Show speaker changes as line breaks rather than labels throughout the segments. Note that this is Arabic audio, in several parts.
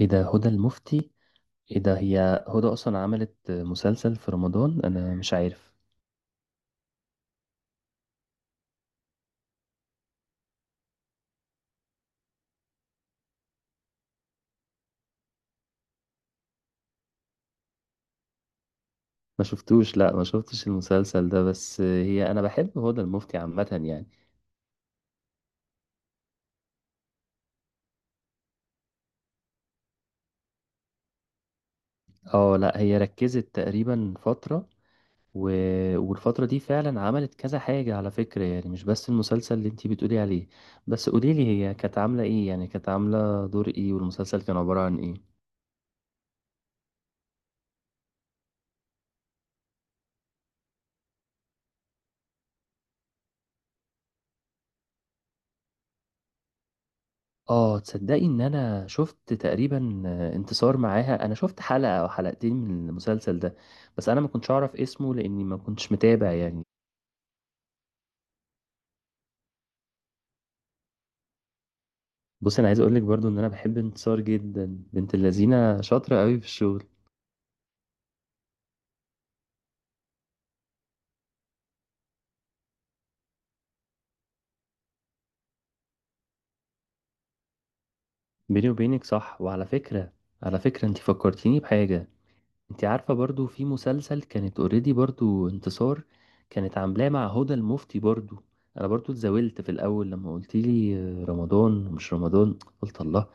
ايه ده هدى المفتي؟ ايه ده هي؟ هدى اصلا عملت مسلسل في رمضان؟ انا مش عارف، ما شفتوش. لا ما شفتش المسلسل ده، بس هي انا بحب هدى المفتي عامة يعني. اه لا هي ركزت تقريبا فترة و... والفترة دي فعلا عملت كذا حاجة على فكرة، يعني مش بس المسلسل اللي انتي بتقولي عليه. بس قوليلي هي كانت عاملة ايه؟ يعني كانت عاملة دور ايه والمسلسل كان عبارة عن ايه؟ تصدّقي إن أنا شُفت تقريبًا، انتصار معاها، أنا شُفت حلقة أو حلقتين من المسلسل ده، بس أنا ما كنتش أعرف اسمه لإني ما كنتش متابع يعني. بُصّي، أنا عايز أقول لِك برضه إن أنا باحب انتصار جدًا، بنت اللذينة شاطرة أوي في الشغل، بيني وبينِك صح. وعلى فكرة، على فكرة أنتِ فكّرتيني بحاجة. انت عارفة برضو في مسلسل كانت اوريدي، برضو انتصار كانت عاملاه مع هدى المفتي برضو. انا برضو اتزاولت في الاول لما قلت لي رمضان ومش رمضان. قلت الله،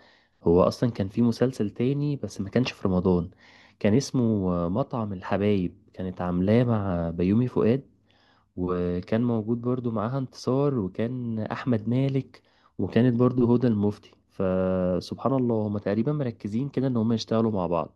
هو اصلا كان في مسلسل تاني بس ما كانش في رمضان. كان اسمه مطعم الحبايب، كانت عاملاه مع بيومي فؤاد، وكان موجود برضو معاها انتصار، وكان احمد مالك، وكانت برضو هدى المفتي. فسبحان الله هما تقريبا مركزين كده ان هما يشتغلوا مع بعض.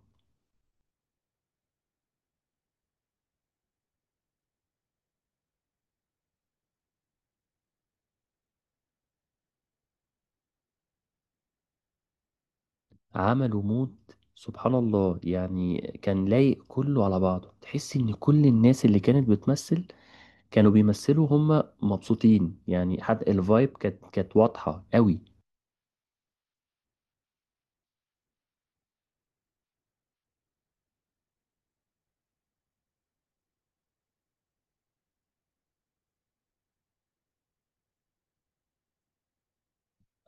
عملوا مود، سبحان الله. يعني كان لايق كله على بعضه، تحس ان كل الناس اللي كانت بتمثل كانوا بيمثلوا هم مبسوطين يعني، حتى الفايب كانت واضحة قوي.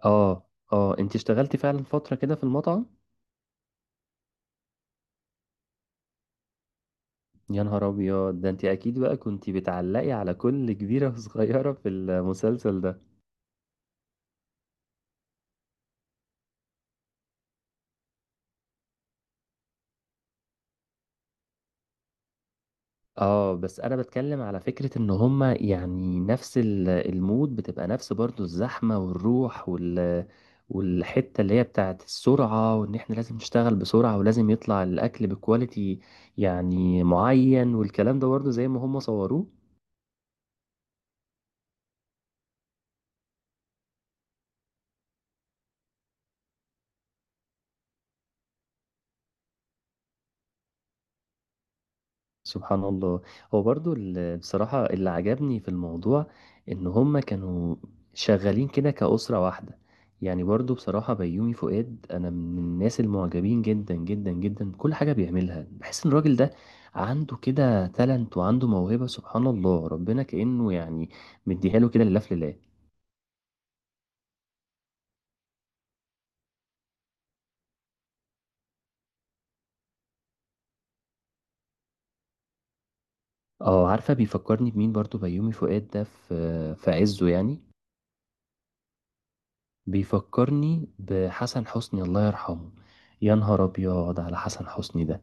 اه. اه انت اشتغلتي فعلا فترة كده في المطعم؟ يا نهار ابيض، ده انت اكيد بقى كنت بتعلقي على كل كبيرة وصغيرة في المسلسل ده. اه بس انا بتكلم على فكرة ان هما يعني نفس المود بتبقى نفس، برضو الزحمة والروح والحتة اللي هي بتاعت السرعة، وان احنا لازم نشتغل بسرعة ولازم يطلع الاكل بكواليتي يعني معين، والكلام ده برضو زي ما هما صوروه. سبحان الله. هو برضه ال بصراحة اللي عجبني في الموضوع إن هُم كانوا شغّالين كده كأسرة واحدة. يعني برضه بصراحة بيومي فؤاد أنا من الناس المعجبين جدًا، جدًا، جدًا بكل حاجة بيعملها. باحس إن الراجل ده عنده كده talent وعنده موهبة سبحان الله، ربنا كإنه يعني مدّيها له كده لله في لله. عارفة بيفكّرني بمين برضه بيومي فؤاد ده في عِزّه يعني؟ بيفكرني بحسن حسني، الله يرحمه. يا نهار ابيض على حسن حسني ده،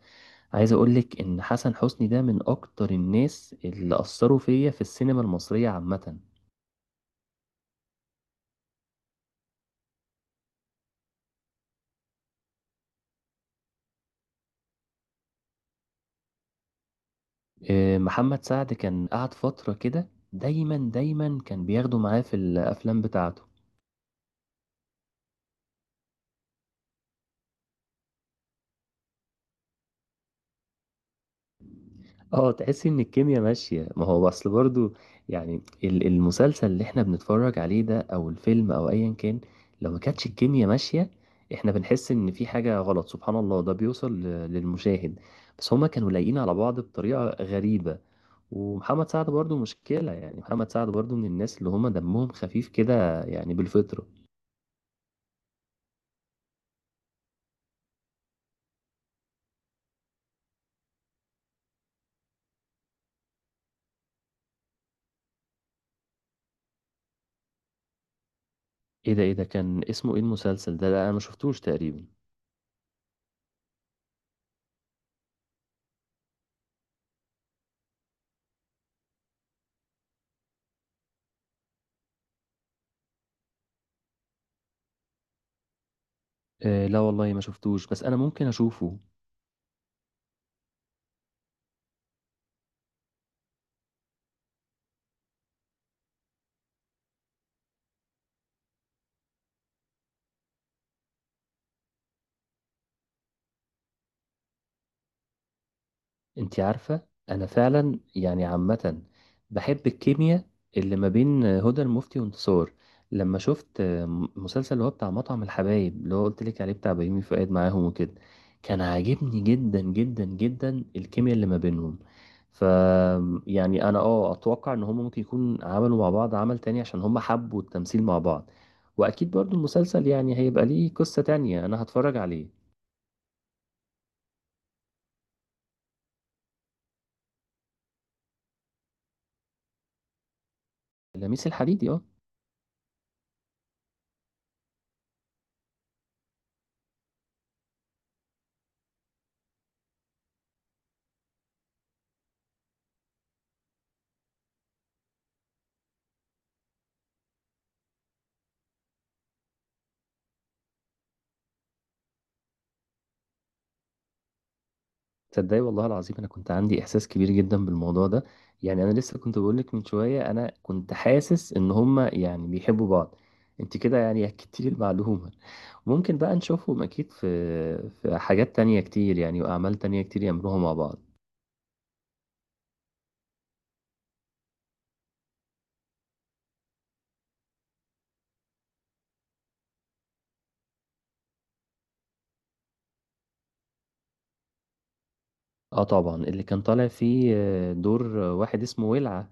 عايز اقولك ان حسن حسني ده من اكتر الناس اللي اثروا فيا في السينما المصرية عامة. محمد سعد كان قعد فترة كده دايما كان بياخده معاه في الافلام بتاعته. اه تحس ان الكيمياء ماشية، ما هو اصل برضو يعني المسلسل اللي احنا بنتفرج عليه ده او الفيلم او ايا كان، لو ما كانتش الكيمياء ماشية احنا بنحس ان في حاجة غلط، سبحان الله ده بيوصل للمشاهد. بس هما كانوا لايقين على بعض بطريقة غريبة. ومحمد سعد برضو مشكلة، يعني محمد سعد برضو من الناس اللي هما دمهم خفيف كده يعني بالفطرة. ايه ده؟ ايه ده كان اسمه ايه المسلسل ده؟ لا انا ما شفتوش تقريبا. آه لا والله ما شفتوش، بس انا ممكن اشوفه. انت عارفة انا فعلا يعني عامة بحب الكيمياء اللي ما بين هدى المفتي وانتصار. لما شفت مسلسل اللي هو بتاع مطعم الحبايب اللي هو قلت لك عليه بتاع بيومي فؤاد معاهم وكده، كان عاجبني جدا جدا جدا الكيمياء اللي ما بينهم. ف يعني انا اه اتوقع ان هم ممكن يكون عملوا مع بعض عمل تاني، عشان هم حبوا التمثيل مع بعض. واكيد برضو المسلسل يعني هيبقى ليه قصة تانية، انا هتفرج عليه. لميس الحديدي، اه. تصدقي والله العظيم انا كنت عندي احساس كبير جدا بالموضوع ده. يعني انا لسه كنت بقول لك من شويه انا كنت حاسس ان هما يعني بيحبوا بعض، انت كده يعني اكدتي لي المعلومه. ممكن بقى نشوفهم اكيد في حاجات تانية كتير يعني، واعمال تانية كتير يعملوها مع بعض. اه طبعا اللي كان طالع فيه دور واحد اسمه ولعه.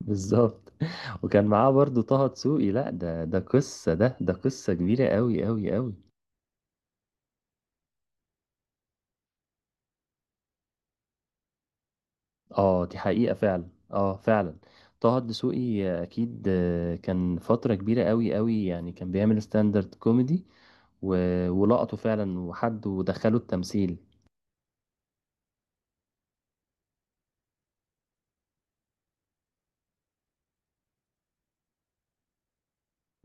بالظبط وكان معاه برضو طه دسوقي، لا ده قصه، ده قصه كبيره قوي قوي قوي. اه دي حقيقة فعلا. اه فعلا طه الدسوقي اكيد كان فترة كبيرة قوي قوي، يعني كان بيعمل ستاندرد كوميدي ولقطه فعلا وحد ودخله التمثيل.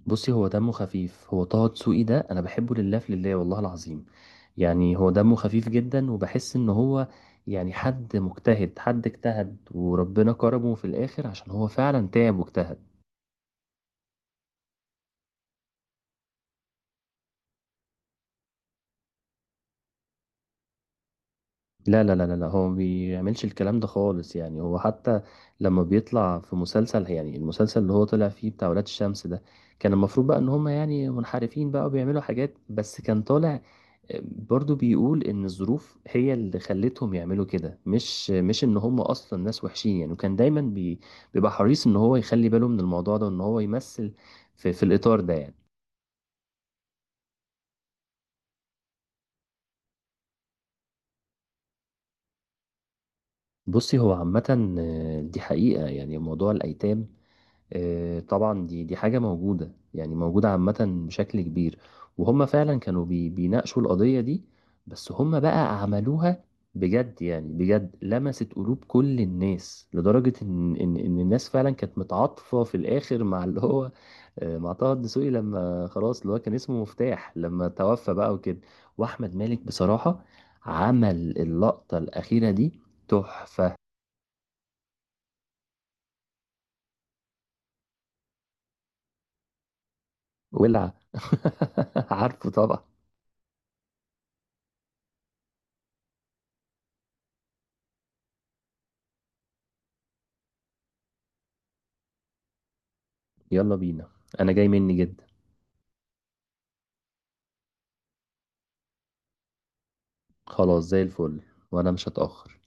بصي هو دمه خفيف، هو طه دسوقي ده انا بحبه لله في لله والله العظيم. يعني هو دمه خفيف جدا، وبحس ان هو يعني حد مجتهد، حد اجتهد وربنا كرمه في الاخر عشان هو فعلا تعب واجتهد. لا لا لا لا لا، هو ما بيعملش الكلام ده خالص. يعني هو حتى لما بيطلع في مسلسل، يعني المسلسل اللي هو طلع فيه بتاع ولاد الشمس ده، كان المفروض بقى ان هم يعني منحرفين بقى وبيعملوا حاجات، بس كان طالع برضو بيقول ان الظروف هي اللي خلتهم يعملوا كده، مش ان هم اصلا ناس وحشين يعني. وكان دايما بيبقى حريص ان هو يخلي باله من الموضوع ده، وان هو يمثل في, في الاطار ده يعني. بصي هو عامة دي حقيقة، يعني موضوع الأيتام طبعا دي حاجة موجودة، يعني موجودة عامة بشكل كبير. وهم فعلا كانوا بيناقشوا القضية دي، بس هم بقى عملوها بجد. يعني بجد لمست قلوب كل الناس، لدرجة إن الناس فعلا كانت متعاطفة في الآخر مع اللي هو مع طه الدسوقي لما خلاص اللي هو كان اسمه مفتاح لما توفى بقى وكده. وأحمد مالك بصراحة عمل اللقطة الأخيرة دي تحفة. ولع عارفه طبعا. يلا بينا، انا جاي مني جدا. خلاص زي الفل، وانا مش هتأخر.